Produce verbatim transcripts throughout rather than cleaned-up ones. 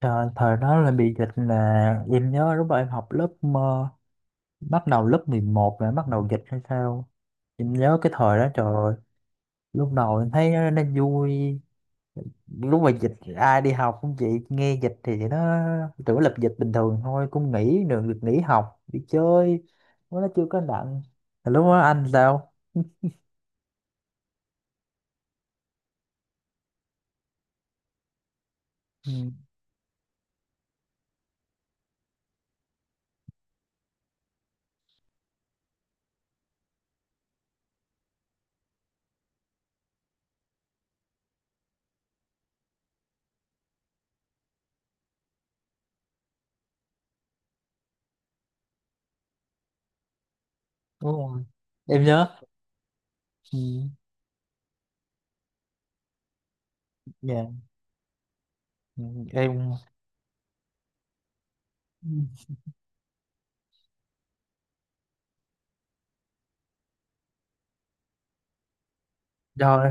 Trời, thời đó là bị dịch là em nhớ lúc đó em học lớp ờ, bắt đầu lớp mười một là bắt đầu dịch hay sao. Em nhớ cái thời đó trời ơi lúc đầu em thấy nó, nó vui lúc mà dịch ai đi học cũng vậy nghe dịch thì nó tưởng lập dịch bình thường thôi cũng nghỉ được được nghỉ học đi chơi nó nó chưa có nặng. Mà lúc đó anh sao? Ừ, đúng rồi em nhớ. Ừ, dạ, ừ, em ừ, rồi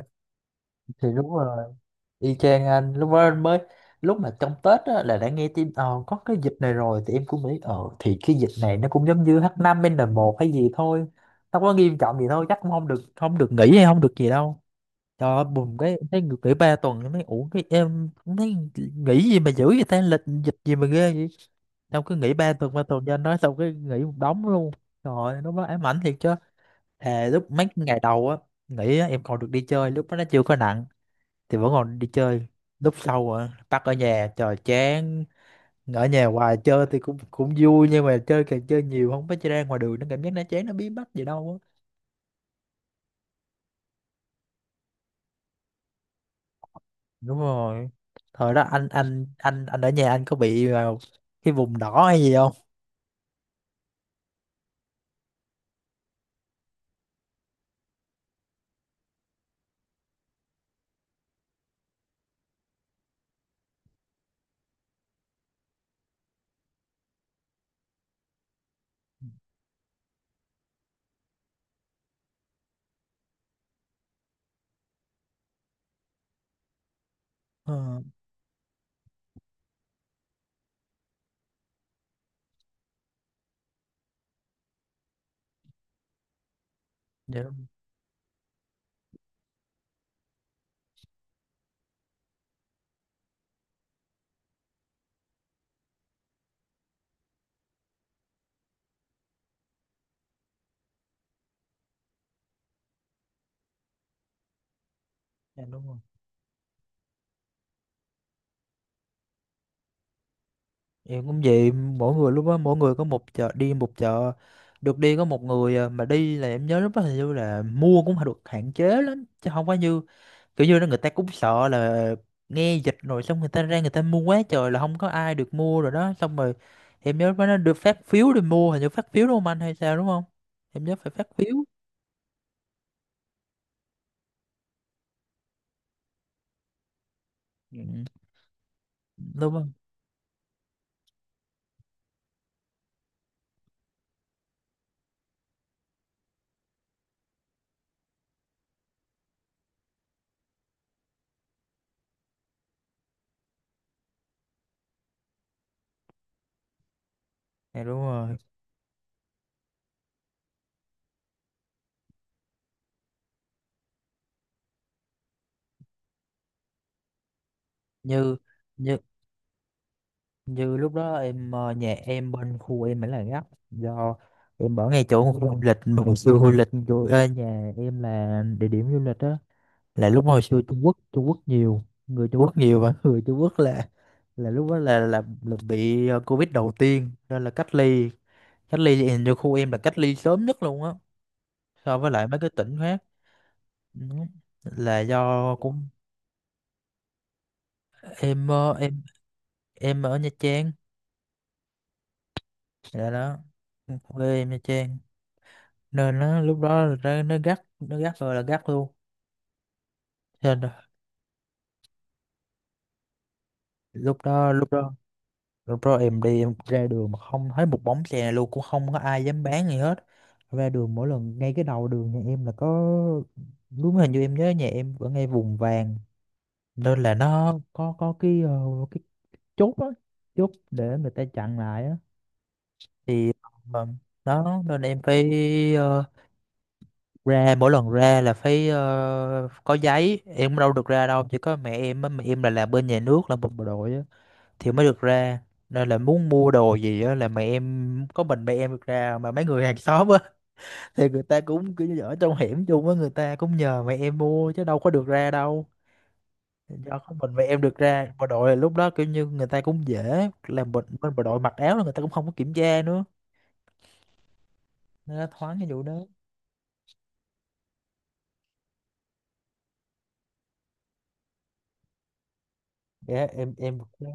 thì đúng rồi. Y chang anh lúc mới mới lúc mà trong Tết á, là đã nghe tin ờ, có cái dịch này rồi thì em cũng nghĩ ờ thì cái dịch này nó cũng giống như hát năm en một hay gì thôi. Nó có nghiêm trọng gì thôi chắc cũng không được không được nghỉ hay không được gì đâu. Trời ơi bùm cái em thấy nghỉ ba tuần em thấy ủa cái em cũng thấy nghỉ gì mà dữ vậy ta lịch dịch gì mà ghê vậy. Xong cứ nghỉ ba tuần ba tuần cho anh nói xong cái nghỉ một đống luôn. Trời ơi, nó mới ám ảnh thiệt chứ. Thề lúc mấy ngày đầu á nghỉ á, em còn được đi chơi lúc đó nó chưa có nặng thì vẫn còn đi chơi. Lúc sau rồi bắt ở nhà trời chán. Ở nhà hoài chơi thì cũng cũng vui nhưng mà chơi càng chơi nhiều không phải chơi ra ngoài đường nó cảm giác nó chán nó bí bách gì đâu á. Đúng rồi thời đó anh anh anh anh ở nhà anh có bị vào cái vùng đỏ hay gì không? Ờ, dạ đúng, dạ đúng rồi em cũng vậy mỗi người lúc đó mỗi người có một chợ đi một chợ được đi có một người à, mà đi là em nhớ lúc đó hình như là mua cũng phải được hạn chế lắm chứ không có như kiểu như là người ta cũng sợ là nghe dịch rồi xong người ta ra người ta mua quá trời là không có ai được mua rồi đó xong rồi em nhớ nó được phát phiếu để mua hình như phát phiếu đúng không anh hay sao đúng không em nhớ phải phát phiếu. Ừ. Ừ, đúng không dạ đúng rồi. Như như như lúc đó em ờ, nhà em bên khu em mới là gấp do em ở ngay chỗ khu du lịch mà hồi xưa du lịch chỗ ờ, nhà em là địa điểm du lịch đó. Là lúc hồi xưa Trung Quốc Trung Quốc nhiều người Trung Quốc nhiều và người Trung Quốc là là lúc đó là là, là bị ờ, Covid đầu tiên nên là cách ly. Cách ly thì hình như khu em là cách ly sớm nhất luôn á so với lại mấy cái tỉnh khác. Ừ. Là do cũng em ờ, em em ở Nha Trang là đó quê em Nha Trang nên nó lúc đó nó, nó gắt nó gắt rồi là gắt luôn. Cho nên là lúc đó lúc đó Rồi bro em đi em ra đường mà không thấy một bóng xe luôn cũng không có ai dám bán gì hết. Ra đường mỗi lần ngay cái đầu đường nhà em là có đúng hình như em nhớ nhà em ở ngay vùng vàng nên là nó có có cái ờ, cái chốt á chốt để người ta chặn lại á thì ờ, đó nên em phải ờ, ra mỗi lần ra là phải ờ, có giấy em đâu được ra đâu chỉ có mẹ em á mẹ em là làm bên nhà nước là một bộ đội á thì mới được ra. Nên là muốn mua đồ gì á là mẹ em có mình mẹ em được ra mà mấy người hàng xóm á thì người ta cũng kiểu như ở trong hẻm chung á người ta cũng nhờ mẹ em mua chứ đâu có được ra đâu. Do có mình mẹ em được ra bộ đội là lúc đó kiểu như người ta cũng dễ làm bộ, bên bộ đội mặc áo là người ta cũng không có kiểm tra nữa nên nó thoáng cái vụ đó. Dạ em em được ra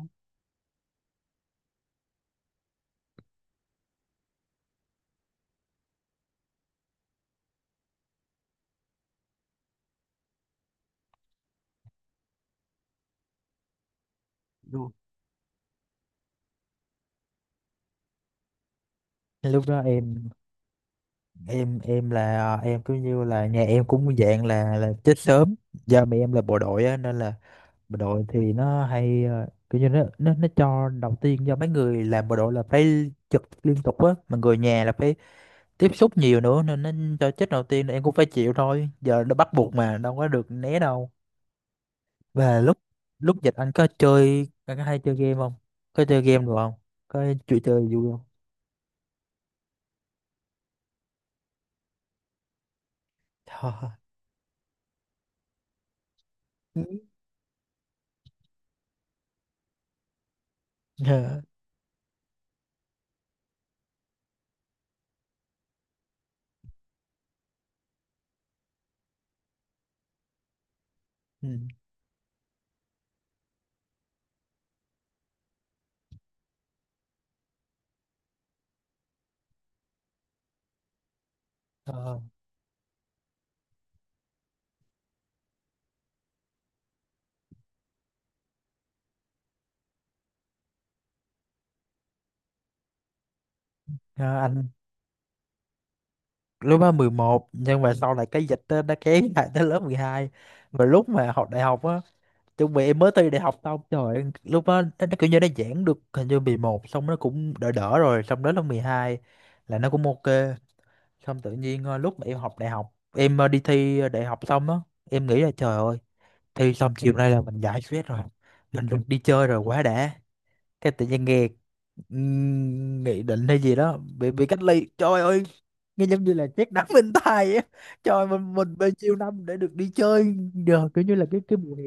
luôn lúc đó em em em là em cứ như là nhà em cũng dạng là là chết sớm do mẹ em là bộ đội á nên là bộ đội thì nó hay ờ, kiểu như nó nó nó cho đầu tiên do mấy người làm bộ đội là phải trực liên tục á mà người nhà là phải tiếp xúc nhiều nữa nên nó cho chết đầu tiên em cũng phải chịu thôi giờ nó bắt buộc mà đâu có được né đâu. Và lúc lúc dịch anh có chơi anh có hay chơi game không có chơi game được không có chuyện chơi vui không? Ờ. Ừ. Dạ. Ừ. Ờ, ờ, anh lúc đó mười một nhưng mà sau này cái dịch đó, nó kéo lại tới lớp mười hai. Và lúc mà học đại học á chuẩn bị em mới thi đại học xong trời ơi, lúc đó nó, nó kiểu như nó giãn được hình như mười một xong nó cũng đỡ đỡ rồi xong đến lớp hai là nó cũng ok. Xong tự nhiên ờ, lúc mà em học đại học em ờ, đi thi ờ, đại học xong á em nghĩ là trời ơi thi xong chiều nay là mình giải stress rồi mình được đi chơi rồi quá đã. Cái tự nhiên nghe ừm, nghị định hay gì đó bị bị cách ly trời ơi nghe giống như là chết đắng bên tai á trời mình mình bao nhiêu năm để được đi chơi giờ kiểu như là cái cái mùa hè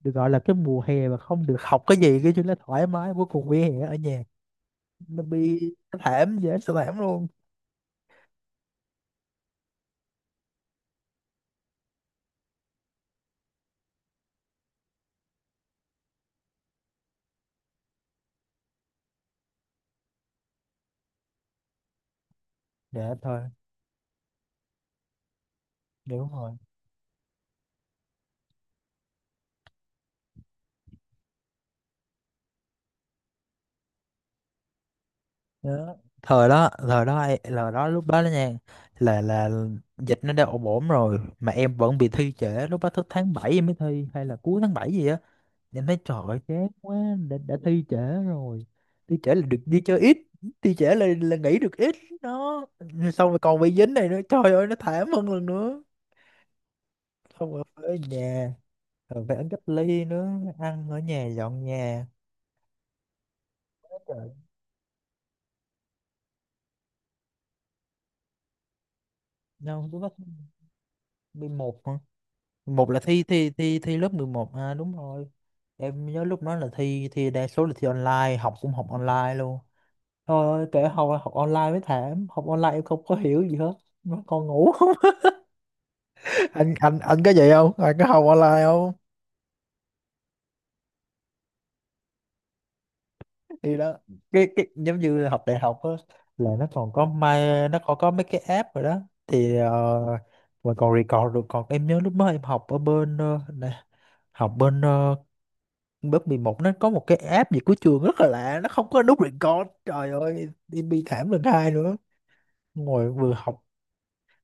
được gọi là cái mùa hè mà không được học cái gì cái chứ nó thoải mái cuối cùng vỉa hè ở nhà nó bị nó thảm dễ sợ thảm luôn. Dạ thôi dạ đúng rồi đó. thời đó thời đó ai- là đó lúc đó đó nha là là dịch nó đã ổn ổn rồi mà em vẫn bị thi trễ lúc đó thức tháng bảy em mới thi hay là cuối tháng bảy gì á em thấy trời ơi, chán quá. Đã, đã thi trễ rồi thi trễ là được đi chơi ít thi trễ là là nghỉ được ít đó xong rồi còn bị dính này nữa trời ơi nó thảm hơn lần nữa xong rồi ở nhà rồi phải ở cách ly nữa ăn ở nhà dọn nhà. Trời, đâu tôi bắt mười một hả một là thi thi thi thi lớp mười một à đúng rồi em nhớ lúc đó là thi thi đa số là thi online học cũng học online luôn. Thôi ơi, kể học học online mới thảm học online em không có hiểu gì hết nó còn ngủ. anh anh anh có vậy không anh có học online không thì đó cái cái giống như học đại học á là nó còn có mai nó còn có mấy cái app rồi đó thì ờ, mà còn record được còn em nhớ lúc đó em học ở bên ờ, nè, học bên ờ, lớp mười một nó có một cái app gì của trường rất là lạ nó không có nút record trời ơi em bi thảm lần hai nữa ngồi vừa học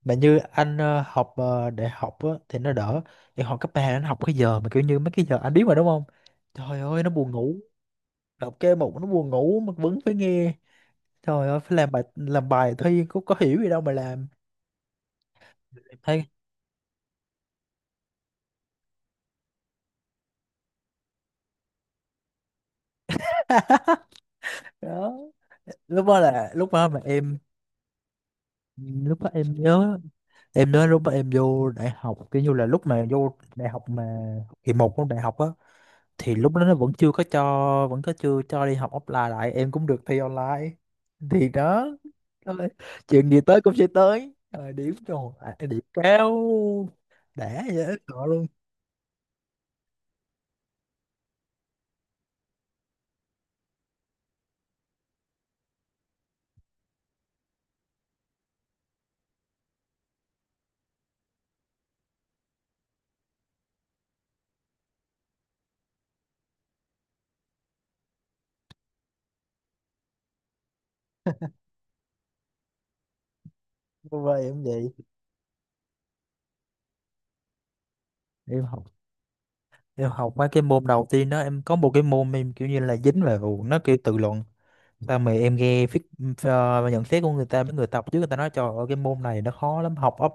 mà như anh ờ, học ờ, đại học á, thì nó đỡ em học cấp ba anh học cái giờ mà kiểu như mấy cái giờ anh biết mà đúng không trời ơi nó buồn ngủ. Đọc cái một nó buồn ngủ mà vẫn phải nghe. Trời ơi, phải làm bài làm bài thôi nhưng cũng có hiểu gì đâu mà làm. Em thấy đó. Lúc đó là lúc đó mà em lúc đó em nhớ em nhớ lúc mà em vô đại học kiểu như là lúc mà vô đại học mà kỳ một của đại học á thì lúc đó nó vẫn chưa có cho vẫn có chưa cho đi học offline lại em cũng được thi online thì đó thôi, chuyện gì tới cũng sẽ tới. Ờ, điểm rồi à, điểm cao đã vậy đó sợ luôn. Cô em vậy em học em học mấy cái môn đầu tiên đó em có một cái môn em kiểu như là dính về vụ nó kiểu tự luận sao mà em nghe feed, ờ, nhận xét của người ta mấy người tập trước người ta nói trời ơi cái môn này nó khó lắm học ấp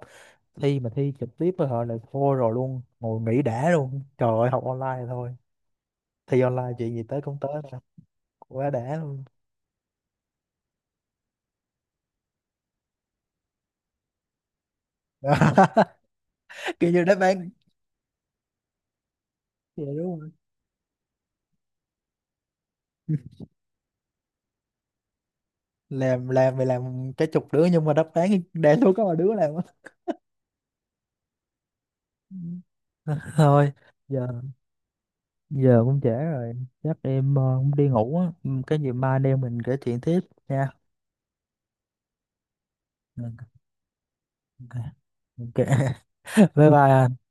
thi mà thi trực tiếp với họ là thôi rồi luôn ngồi nghỉ đã luôn trời ơi học online thôi. Thi online chuyện gì tới cũng tới mà. Quá đã luôn. Kiểu như đáp án dạ đúng rồi. làm làm thì làm cái chục đứa nhưng mà đáp án đa số có một đứa làm á. thôi giờ giờ cũng trễ rồi chắc em ờ, cũng đi ngủ á. Ừ, cái gì mai anh em mình kể chuyện tiếp nha. Ok, ok. Bye bye.